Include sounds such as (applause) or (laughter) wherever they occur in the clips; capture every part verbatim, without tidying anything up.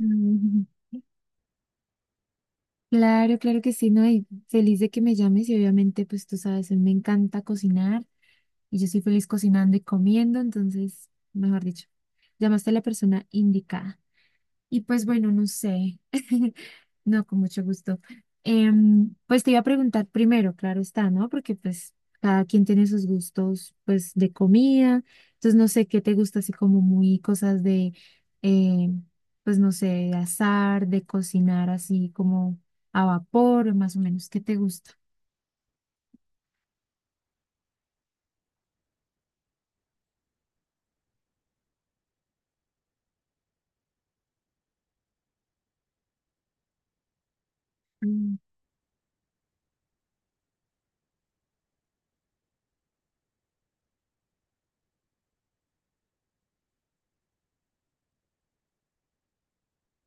Mm, Claro, claro que sí, ¿no? Y feliz de que me llames y obviamente, pues tú sabes, a mí me encanta cocinar y yo soy feliz cocinando y comiendo, entonces, mejor dicho, llamaste a la persona indicada. Y pues bueno, no sé. (laughs) No, con mucho gusto. Em, pues te iba a preguntar primero, claro está, ¿no? Porque pues cada quien tiene sus gustos, pues de comida. Entonces no sé qué te gusta, así como muy cosas de, eh, pues no sé, de asar, de cocinar así como a vapor, más o menos. ¿Qué te gusta? Mm,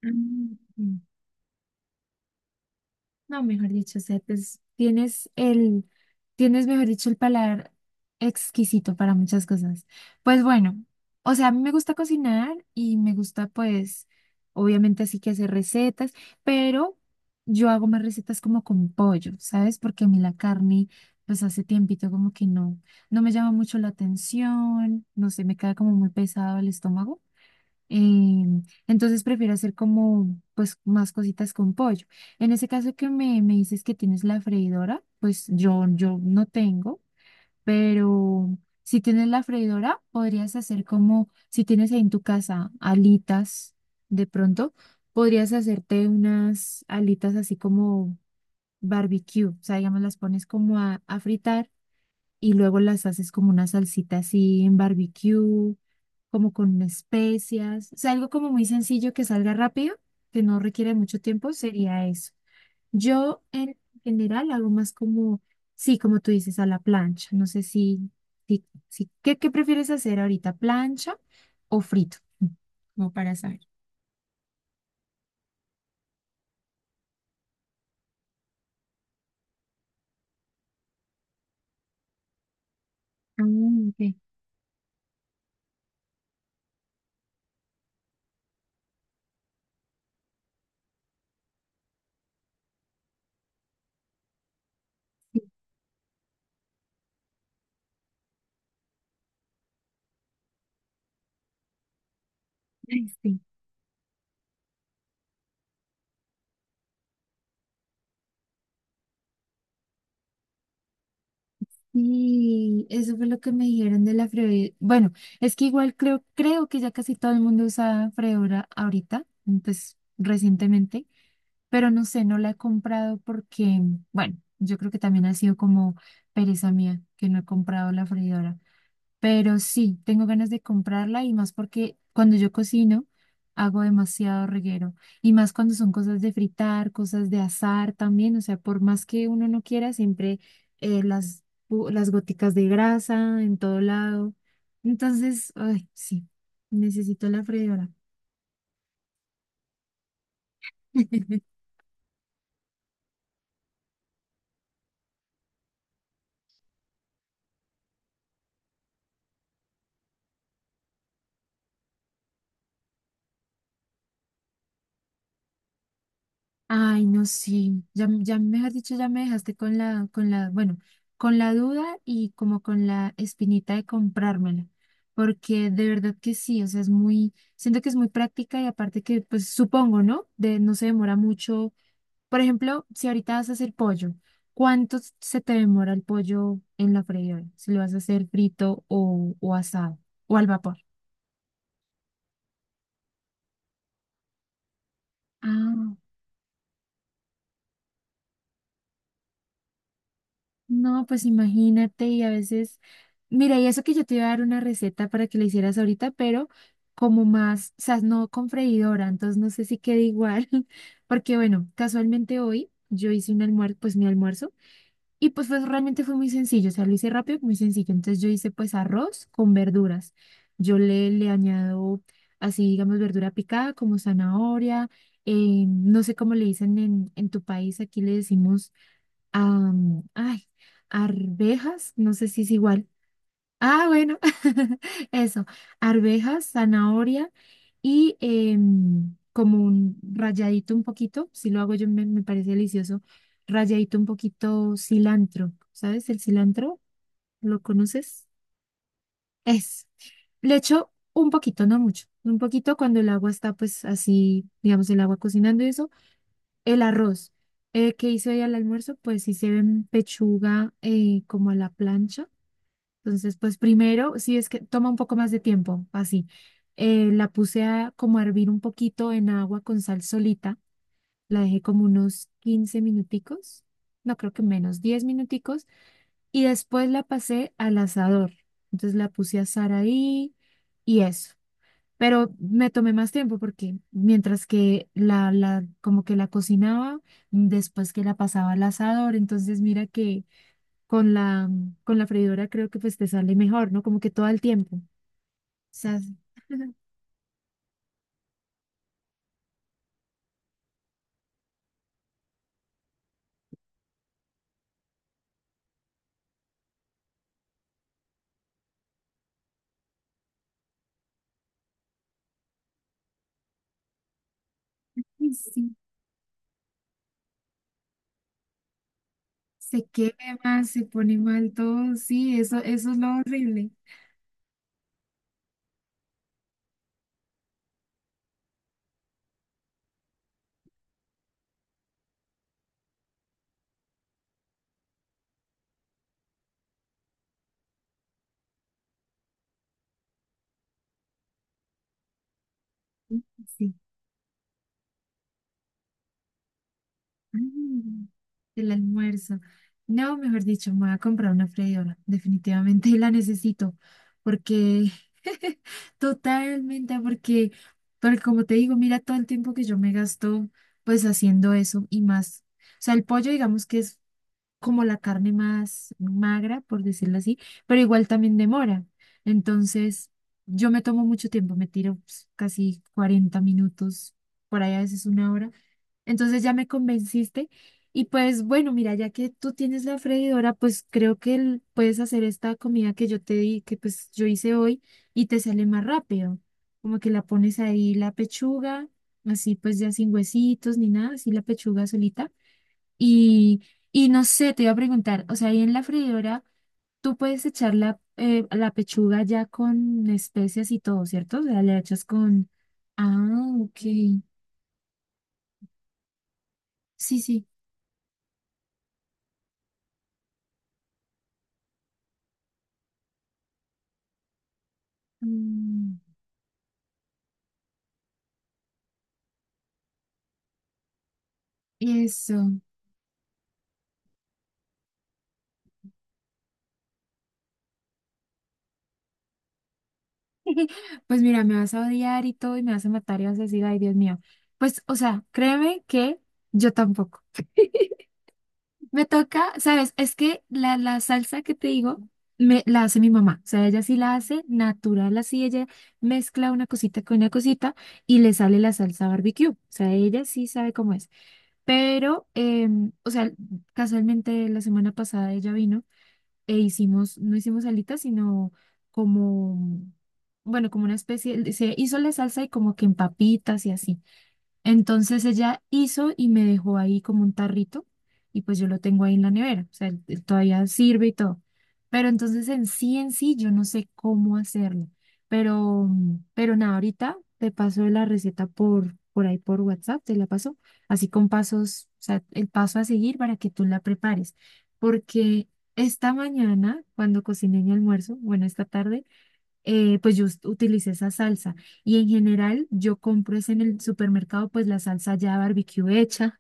mm. No, mejor dicho, o sea, pues, tienes el, tienes, mejor dicho, el paladar exquisito para muchas cosas. Pues bueno, o sea, a mí me gusta cocinar y me gusta, pues, obviamente así que hacer recetas, pero yo hago más recetas como con pollo, ¿sabes? Porque a mí la carne, pues hace tiempito como que no, no me llama mucho la atención, no sé, me queda como muy pesado el estómago. Em, entonces prefiero hacer como pues más cositas con pollo. En ese caso que me, me dices que tienes la freidora, pues yo, yo no tengo, pero si tienes la freidora, podrías hacer como si tienes ahí en tu casa alitas de pronto, podrías hacerte unas alitas así como barbecue, o sea, digamos, las pones como a, a fritar y luego las haces como una salsita así en barbecue, como con especias, o sea, algo como muy sencillo que salga rápido, que no requiere mucho tiempo, sería eso. Yo en general hago más como, sí, como tú dices, a la plancha. No sé si, si, si- ¿qué, qué prefieres hacer ahorita, plancha o frito? Como para saber. Ah, ok. Sí. (laughs) Y eso fue lo que me dijeron de la freidora. Bueno, es que igual creo, creo que ya casi todo el mundo usa freidora ahorita, pues recientemente, pero no sé, no la he comprado porque, bueno, yo creo que también ha sido como pereza mía que no he comprado la freidora. Pero sí, tengo ganas de comprarla y más porque cuando yo cocino hago demasiado reguero y más cuando son cosas de fritar, cosas de asar también, o sea, por más que uno no quiera, siempre eh, las, gu- las goticas de grasa en todo lado. Entonces, ay, sí, necesito la freidora. (laughs) Ay, no, sí, ya, ya mejor dicho, ya me dejaste con la, con la, bueno, con la duda y como con la espinita de comprármela, porque de verdad que sí, o sea, es muy, siento que es muy práctica y aparte que, pues supongo, ¿no? De no se demora mucho. Por ejemplo, si ahorita vas a hacer pollo, ¿cuánto s- se te demora el pollo en la freidora? Si lo vas a hacer frito o, o asado o al vapor. Ah. No, pues imagínate y a veces, mira, y eso que yo te iba a dar una receta para que la hicieras ahorita, pero como más, o sea, no con freidora, entonces no sé si queda igual, (laughs) porque bueno, casualmente hoy yo hice un almuerzo, pues mi almuerzo, y pues, pues, realmente fue muy sencillo, o sea, lo hice rápido, muy sencillo, entonces yo hice pues arroz con verduras, yo le, le añado así, digamos, verdura picada como zanahoria, eh, no sé cómo le dicen en, en tu país, aquí le decimos am, ay, arvejas, no sé si es igual. Ah, bueno, (laughs) eso, arvejas, zanahoria y em, como un rayadito un poquito, si lo hago yo me, me parece delicioso, rayadito un poquito cilantro, ¿sabes? El cilantro, ¿lo conoces? Es. Le echo un poquito, no mucho, un poquito cuando el agua está pues así, digamos, el agua cocinando y eso el arroz. Eh, ¿qué hice hoy al almuerzo? Pues hice mm, pechuga eh, como a la plancha. Entonces, pues primero, sí es que toma un poco más de tiempo, así. Eh, la puse a, como a hervir un poquito en agua con sal solita. La dejé como unos quince minuticos, no creo que menos, diez minuticos. Y después la pasé al asador. Entonces la puse a asar ahí y eso. Pero me tomé más tiempo porque mientras que la, la, como que la cocinaba, después que la pasaba al asador, entonces mira que con la, con la freidora creo que pues te sale mejor, ¿no? Como que todo el tiempo. O sea. (laughs) Ay, sí, se queme más, se pone mal todo, sí, eso, eso es lo horrible. Sí. Sí. Mm. El almuerzo. No, mejor dicho, me voy a comprar una freidora. Definitivamente (laughs) la necesito. Porque, (laughs) totalmente, porque, porque como te digo, mira todo el tiempo que yo me gasto pues haciendo eso y más. O sea, el pollo, digamos que es como la carne más magra, por decirlo así, pero igual también demora. Entonces, yo me tomo mucho tiempo, me tiro pues, casi cuarenta minutos, por ahí a veces una hora, entonces ya me convenciste y pues bueno, mira, ya que tú tienes la freidora, pues creo que el- puedes hacer esta comida que yo te di, que pues yo hice hoy y te sale más rápido. Como que la pones ahí la pechuga, así pues ya sin huesitos ni nada, así la pechuga solita. Y, y no sé, te iba a preguntar, o sea, ahí en la freidora tú puedes echar la, eh, la pechuga ya con especias y todo, ¿cierto? O sea, le echas con... Ah, ok. Sí, sí. Mm. Eso. (laughs) Pues mira, me vas a odiar y todo y me vas a matar y vas a decir, ay, Dios mío. Pues, o sea, créeme que yo tampoco. Me toca, ¿sabes? Es que la, la salsa que te digo, me, la hace mi mamá. O sea, ella sí la hace natural, así ella mezcla una cosita con una cosita y le sale la salsa barbecue. O sea, ella sí sabe cómo es. Pero, em, o sea, casualmente la semana pasada ella vino. E hicimos, no hicimos alitas, sino como, bueno, como una especie, se hizo la salsa y como que en papitas y así. Entonces ella hizo y me dejó ahí como un tarrito y pues yo lo tengo ahí en la nevera, o sea, él- él todavía sirve y todo. Pero entonces en sí, en sí, yo no sé cómo hacerlo. Pero, pero nada, ahorita te paso la receta por, por ahí por WhatsApp, te la paso, así con pasos, o sea, el paso a seguir para que tú la prepares. Porque esta mañana, cuando cociné mi almuerzo, bueno, esta tarde, eh, pues yo us- utilicé esa salsa. Y en general yo compro es en el supermercado pues la salsa ya barbecue hecha.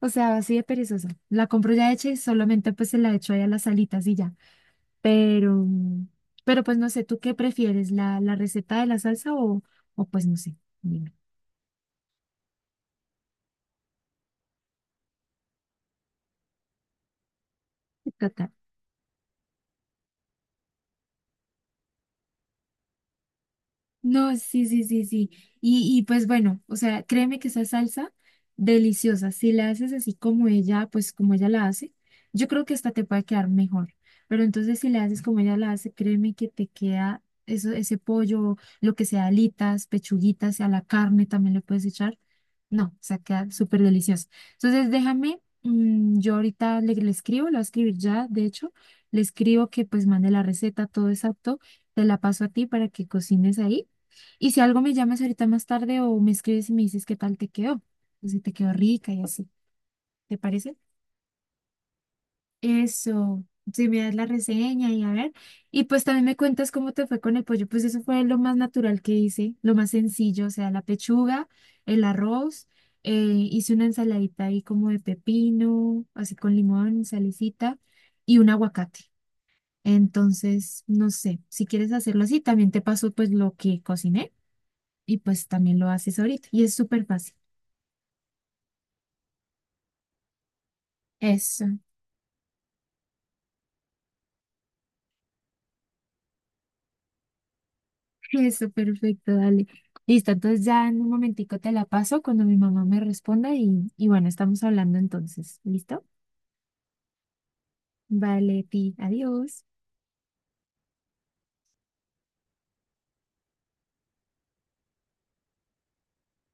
O sea, así de perezosa. La compro ya hecha y solamente pues se la echo ahí a las alitas y ya. Pero, pero pues no sé, ¿tú qué prefieres? ¿La, la receta de la salsa o, o pues no sé? Dime. (laughs) No, sí, sí, sí, sí. Y, y pues bueno, o sea, créeme que esa salsa deliciosa, si la haces así como ella, pues como ella la hace, yo creo que esta te puede quedar mejor. Pero entonces si la haces como ella la hace, créeme que te queda eso, ese pollo, lo que sea, alitas, pechuguitas, a la carne también le puedes echar. No, o sea, queda súper deliciosa. Entonces déjame, mm, yo ahorita le, le escribo, la voy a escribir ya, de hecho, le escribo que pues mande la receta, todo exacto, te la paso a ti para que cocines ahí. Y si algo me llamas ahorita más tarde o me escribes y me dices qué tal te quedó, o si te quedó rica y así, ¿te parece? Eso, si me das la reseña y a ver. Y pues también me cuentas cómo te fue con el pollo, pues eso fue lo más natural que hice, lo más sencillo, o sea, la pechuga, el arroz, eh, hice una ensaladita ahí como de pepino, así con limón, salicita y un aguacate. Entonces, no sé, si quieres hacerlo así, también te paso pues lo que cociné y pues también lo haces ahorita. Y es súper fácil. Eso, (laughs) eso, perfecto, dale. Listo, entonces ya en un momentico te la paso cuando mi mamá me responda y, y bueno, estamos hablando entonces. ¿Listo? Vale, ti, adiós.